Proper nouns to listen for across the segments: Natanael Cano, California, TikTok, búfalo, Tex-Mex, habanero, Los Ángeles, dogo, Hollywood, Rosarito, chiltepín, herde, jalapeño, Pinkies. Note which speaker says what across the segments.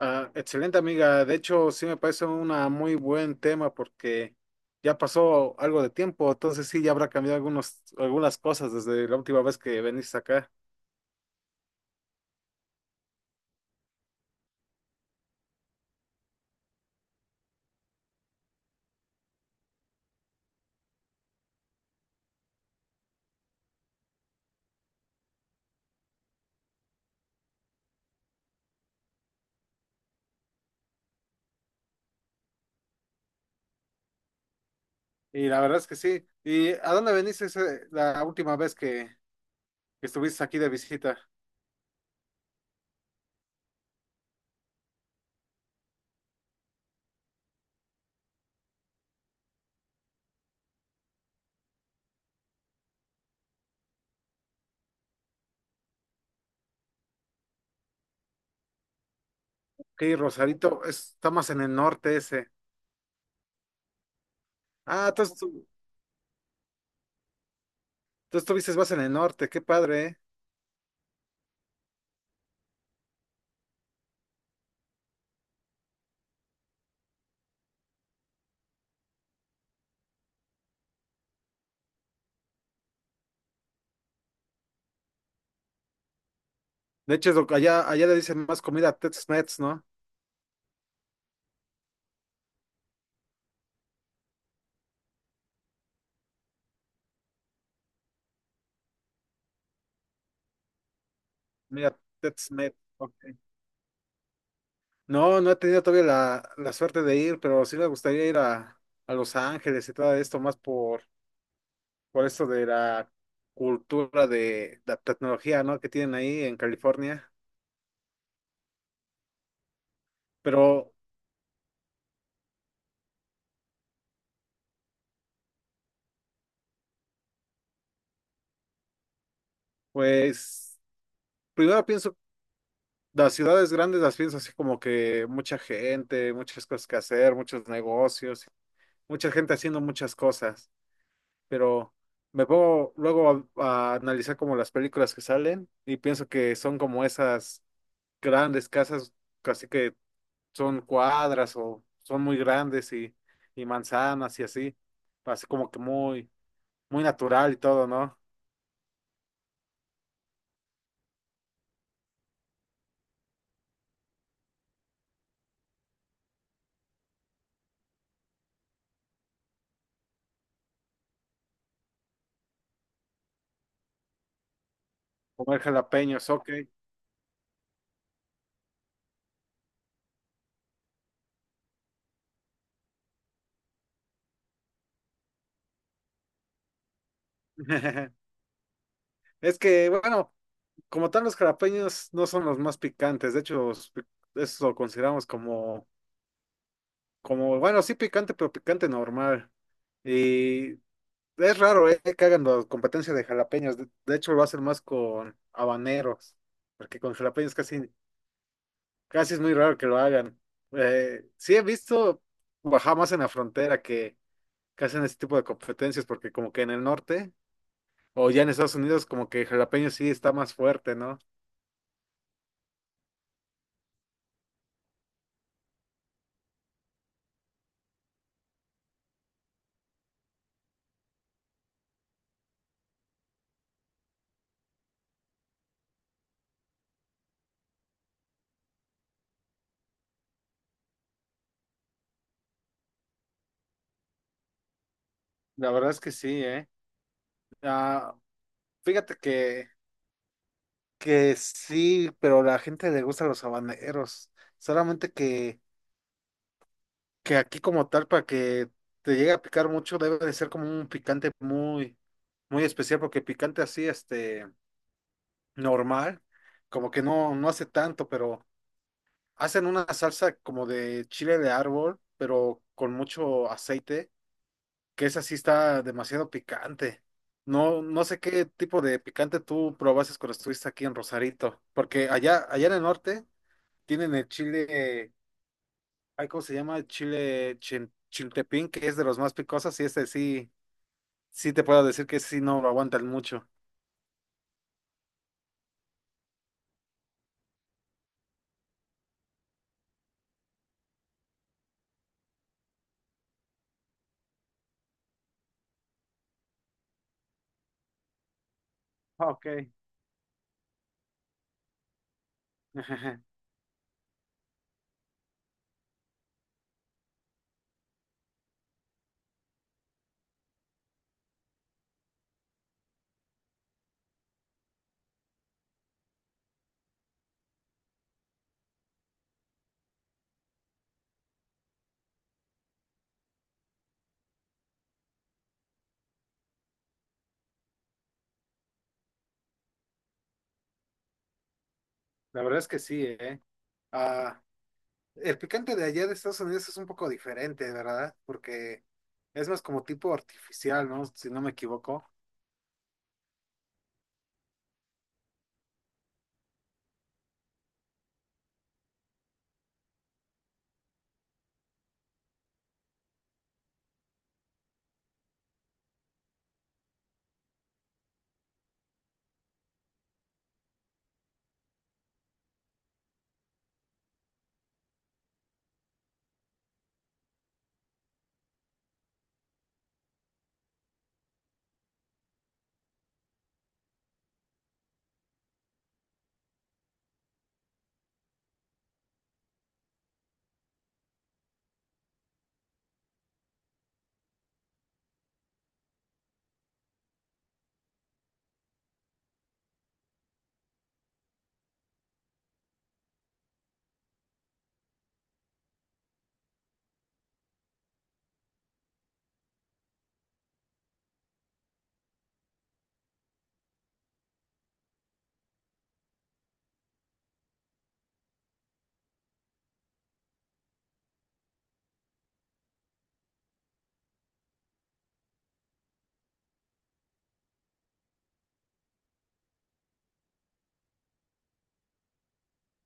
Speaker 1: Ah, excelente amiga, de hecho sí me parece un muy buen tema porque ya pasó algo de tiempo, entonces sí ya habrá cambiado algunos, algunas cosas desde la última vez que veniste acá. Y la verdad es que sí. ¿Y a dónde la última vez que estuviste aquí de visita? Sí, Rosarito, está más en el norte ese. Ah, tú estuviste más en el norte, qué padre, ¿eh? De hecho, es lo que allá le dicen más comida Tex-Mex, ¿no? Comida Tex-Mex, ok. No, he tenido todavía la suerte de ir, pero sí me gustaría a Los Ángeles y todo esto, por esto de la cultura de la tecnología, ¿no?, que tienen ahí en California. Pero, pues, primero pienso, las ciudades grandes las pienso así como que mucha gente, muchas cosas que hacer, muchos negocios, mucha gente haciendo muchas cosas. Pero me pongo luego a analizar como las películas que salen y pienso que son como esas, grandes casas, casi que son cuadras o son muy grandes y manzanas y así, así como que muy natural y todo, ¿no? Comer jalapeños, ok. Es que, bueno, como tal los jalapeños no son los más picantes, de hecho, eso lo consideramos como, bueno, sí picante, pero picante normal. Y es raro, que hagan la competencia de jalapeños, de hecho lo hacen más con habaneros, porque con jalapeños casi, casi es muy raro que lo hagan. Sí he visto bajar más en la frontera que hacen ese tipo de competencias porque como que en el norte o ya en Estados Unidos como que el jalapeño sí está más fuerte, ¿no? La verdad es que sí, ¿eh? Ah, fíjate que sí, pero la gente le gusta los habaneros. Solamente que aquí como tal para que te llegue a picar mucho debe de ser como un picante muy especial porque picante así, este... normal, como que no, no hace tanto, pero hacen una salsa como de chile de árbol, pero con mucho aceite, que esa sí está demasiado picante. No, no sé qué tipo de picante tú probaste cuando estuviste aquí en Rosarito, porque allá en el norte tienen el chile, ay, ¿cómo se llama? El chiltepín, que es de los más picosos, y este sí, sí te puedo decir que sí no lo aguantan mucho. Ah, ok. La verdad es que sí, ¿eh? Ah, el picante de allá de Estados Unidos es un poco diferente, ¿verdad? Porque es más como tipo artificial, ¿no? Si no me equivoco.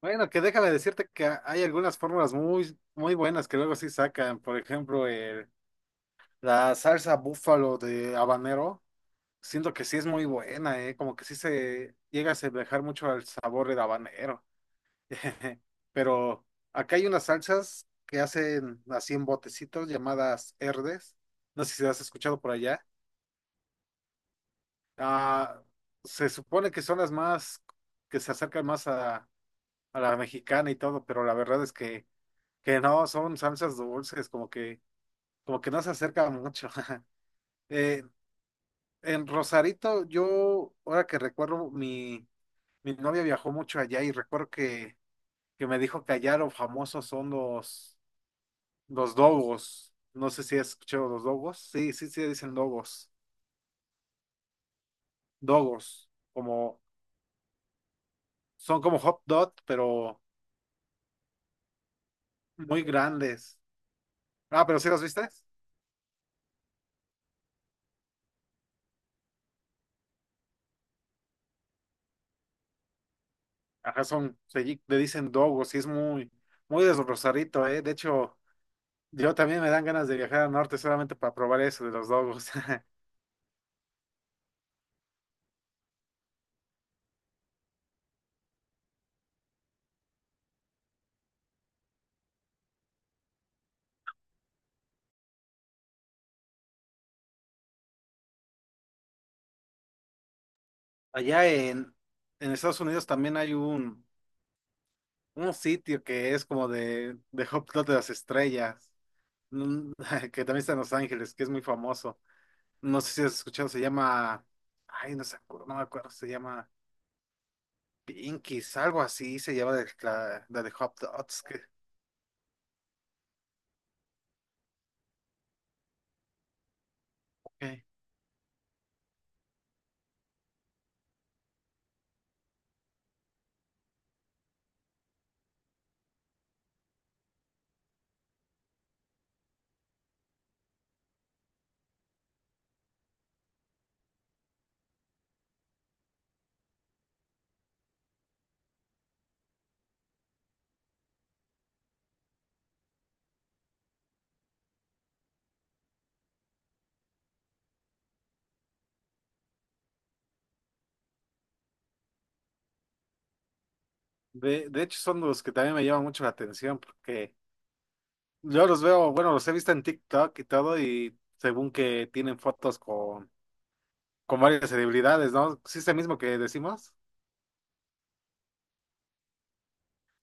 Speaker 1: Bueno, que déjame decirte que hay algunas fórmulas muy buenas que luego sí sacan. Por ejemplo, la salsa búfalo de habanero. Siento que sí es muy buena, ¿eh? Como que sí se llega a asemejar mucho al sabor del habanero. Pero acá hay unas salsas que hacen así en botecitos llamadas herdes. No sé si las has escuchado por allá. Ah, se supone que son las que se acercan más a la mexicana y todo, pero la verdad es que no, son salsas dulces, como que no se acercan mucho. Eh, en Rosarito, yo, ahora que recuerdo, mi novia viajó mucho allá y recuerdo que me dijo que allá lo famosos son los dogos. No sé si has escuchado los dogos. Sí, sí, sí, dicen dogos. Dogos, como, son como hot dog, pero muy grandes. Ah, pero sí las viste. Ajá, le dicen dogos y es muy de Rosarito, ¿eh? De hecho, yo también me dan ganas de viajar al norte solamente para probar eso de los dogos. Allá en, en Estados Unidos también hay un sitio que es como de Hot Dog de las Estrellas, mm, que también está en Los Ángeles, que es muy famoso. No sé si has escuchado, se llama, ay, no, se acuerdo, no me acuerdo, se llama Pinkies, algo así se llama de la de Hot Dogs. Que- de hecho, son los que también me llaman mucho la atención porque yo los veo, bueno, los he visto en TikTok y todo, y según que tienen fotos con varias celebridades, ¿no? Sí, es el mismo que decimos,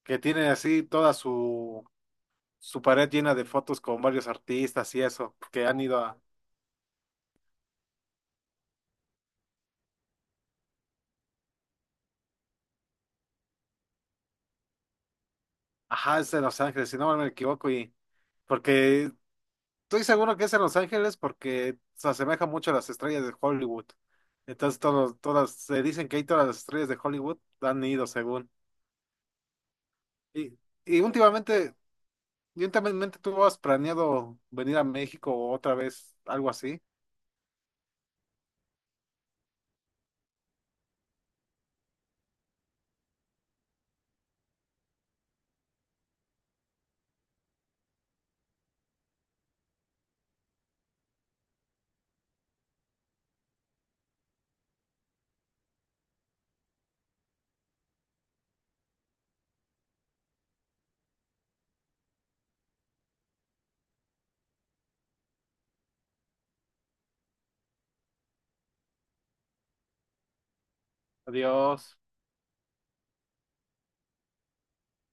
Speaker 1: que tiene así toda su pared llena de fotos con varios artistas y eso, que han ido a, ajá, es en Los Ángeles, si no me equivoco, y porque estoy seguro que es en Los Ángeles porque se asemeja mucho a las estrellas de Hollywood. Entonces, todos, todas, se dicen que ahí todas las estrellas de Hollywood han ido según. Y, y últimamente, y últimamente tú has planeado venir a México otra vez, algo así. Adiós.